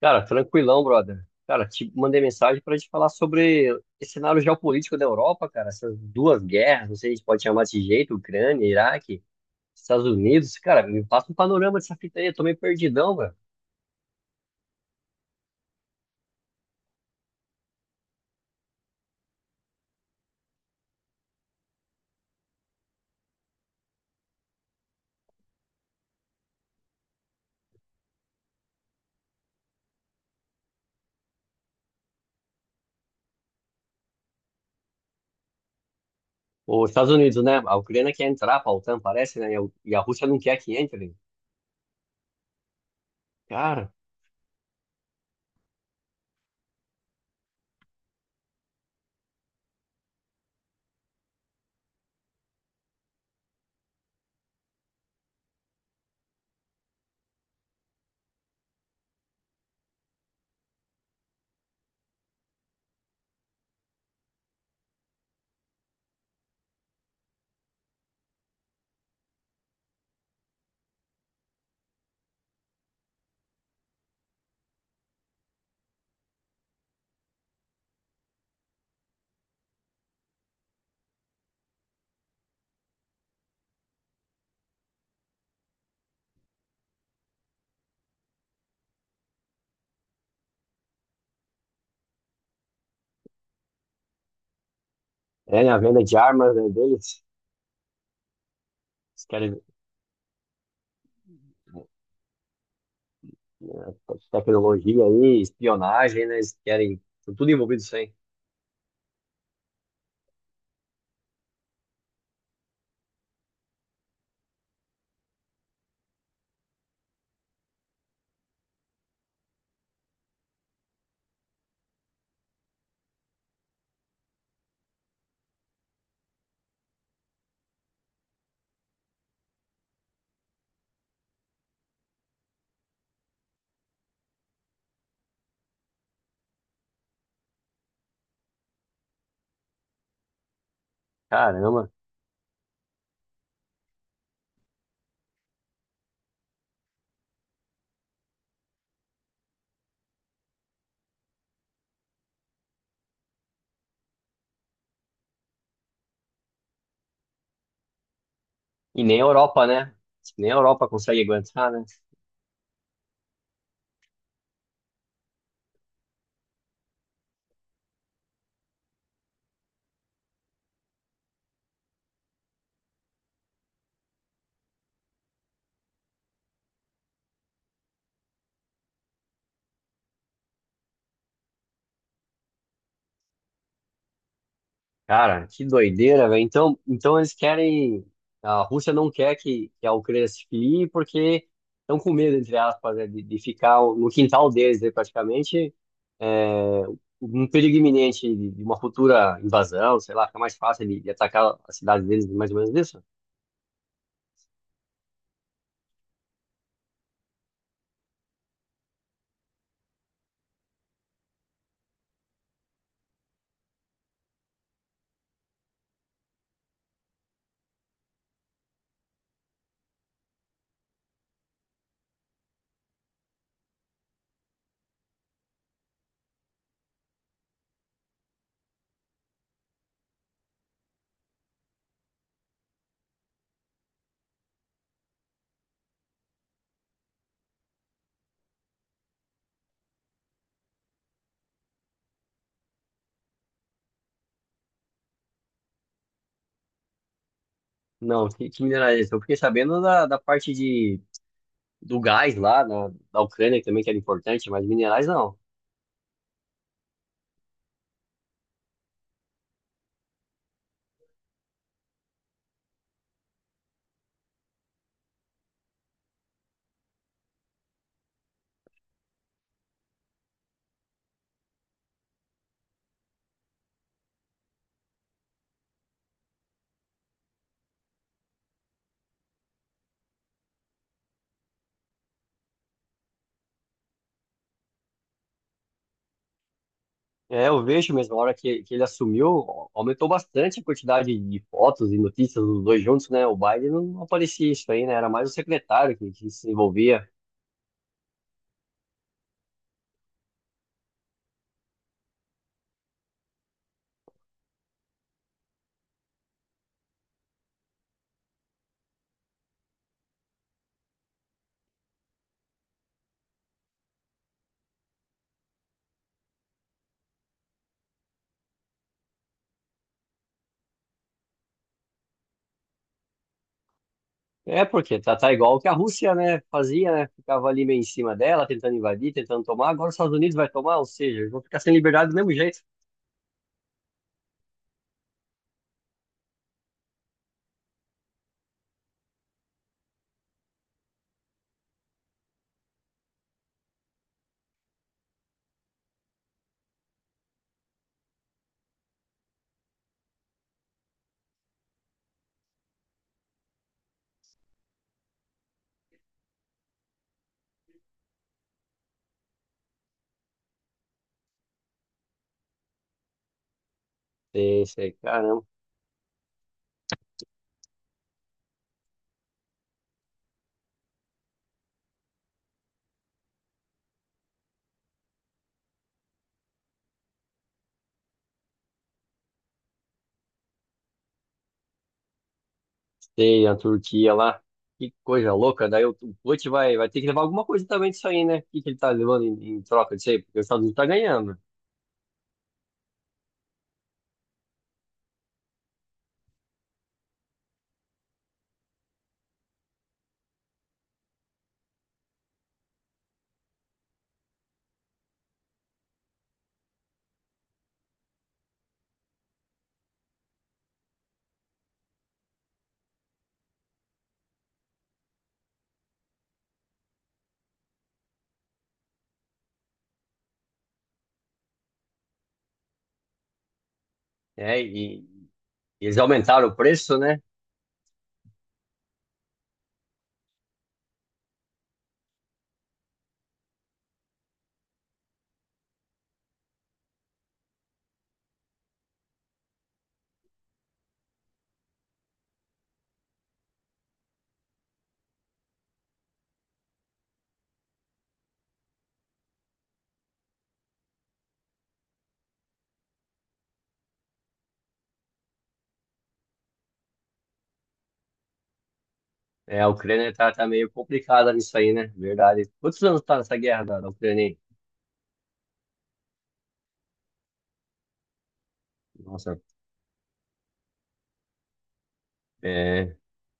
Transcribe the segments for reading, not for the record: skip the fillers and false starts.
Cara, tranquilão, brother. Cara, te mandei mensagem para gente falar sobre esse cenário geopolítico da Europa, cara. Essas duas guerras, não sei se a gente pode chamar desse jeito, Ucrânia, Iraque, Estados Unidos. Cara, me passa um panorama dessa fita aí, eu tô meio perdidão, velho. Os Estados Unidos, né? A Ucrânia quer entrar pra OTAN, parece, né? E a Rússia não quer que entre. Cara, é, né? A venda de armas, né, deles. Eles querem, né, tecnologia aí, espionagem, né? Eles querem. Estão tudo envolvido isso aí. Caramba. E nem a Europa, né? Nem a Europa consegue aguentar, né? Cara, que doideira, velho. Então, então eles querem. A Rússia não quer que a Ucrânia se filie porque estão com medo, entre aspas, né, de ficar no quintal deles, né, praticamente, é, um perigo iminente de uma futura invasão, sei lá, fica mais fácil de atacar a cidade deles, mais ou menos isso? Não, que mineral é esse? Eu fiquei sabendo da parte de, do gás lá, na, da Ucrânia, que também que era importante, mas minerais não. É, eu vejo mesmo, a hora que ele assumiu, aumentou bastante a quantidade de fotos e notícias dos dois juntos, né? O Biden não aparecia isso aí, né? Era mais o secretário que se envolvia. É, porque tá, tá igual o que a Rússia, né, fazia, né? Ficava ali meio em cima dela, tentando invadir, tentando tomar. Agora os Estados Unidos vai tomar, ou seja, eles vão ficar sem liberdade do mesmo jeito. Sei, caramba. Sei, a Turquia lá. Que coisa louca. Daí o Putin vai, vai ter que levar alguma coisa também disso aí, né? O que, que ele tá levando em, em troca disso aí? Porque os Estados Unidos tá ganhando. É, e Eles aumentaram o preço, né? É, a Ucrânia tá, tá meio complicada nisso aí, né? Verdade. Quantos anos tá nessa guerra da Ucrânia aí? Nossa, é,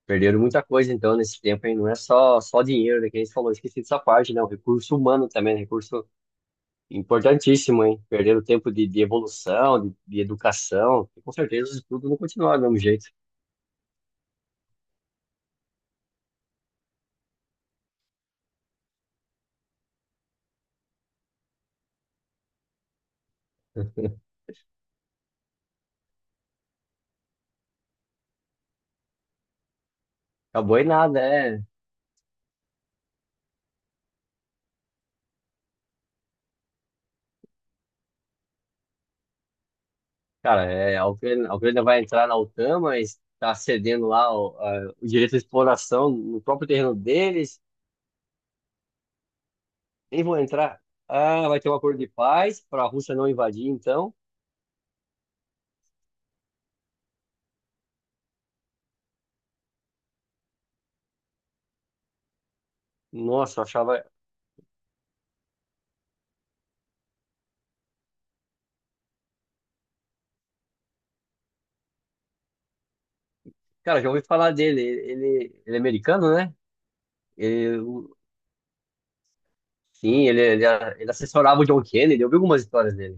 perderam muita coisa então nesse tempo aí. Não é só dinheiro, né? Que a gente falou, esqueci dessa parte, né? O recurso humano também, né? Recurso importantíssimo, hein? Perderam tempo de evolução, de educação. E, com certeza, os estudos não continuaram do mesmo jeito. Acabou em nada, é. Cara, é, a Ucrânia vai entrar na OTAN, mas está cedendo lá o, a- o direito de exploração no próprio terreno deles. Nem vão entrar. Ah, vai ter um acordo de paz para a Rússia não invadir, então. Nossa, eu achava. Cara, já ouvi falar dele. Ele é americano, né? Ele, o- sim, ele assessorava o John Kennedy. Eu vi algumas histórias dele.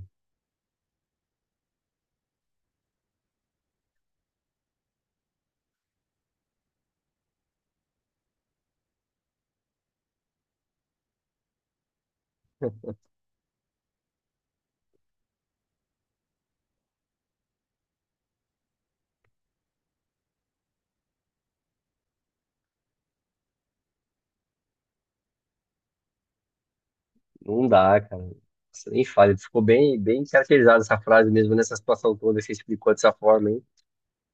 Não dá, cara. Nossa, nem fale. Ficou bem, bem caracterizada essa frase mesmo nessa situação toda. Você explicou dessa forma, hein?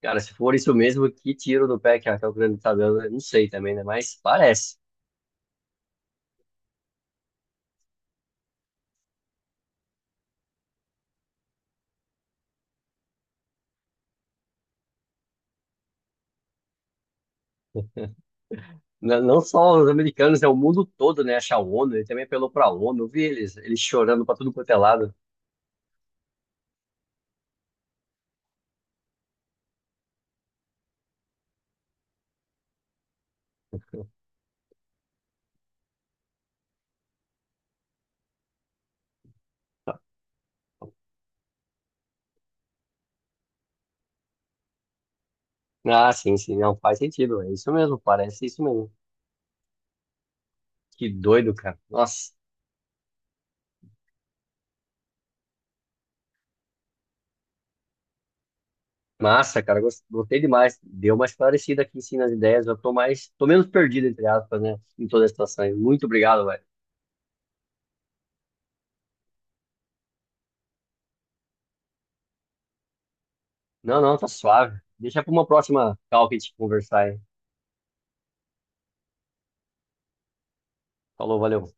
Cara, se for isso mesmo, que tiro no pé que a Raquel Grande tá dando, eu não sei também, né? Mas parece. N- Não só os americanos, é o mundo todo, né? Acha a ONU, ele também apelou pra ONU, eu vi eles chorando pra tudo quanto é lado. Ah, sim, sim, não faz sentido, é isso mesmo, parece isso mesmo. Que doido, cara. Nossa, massa, cara, gos- gostei demais. Deu uma esclarecida aqui em cima nas ideias, eu tô mais, tô menos perdido, entre aspas, né? Em toda a situação aí. Muito obrigado, velho. Não, não, tá suave. Deixa pra uma próxima call que a gente conversar aí. Falou, valeu.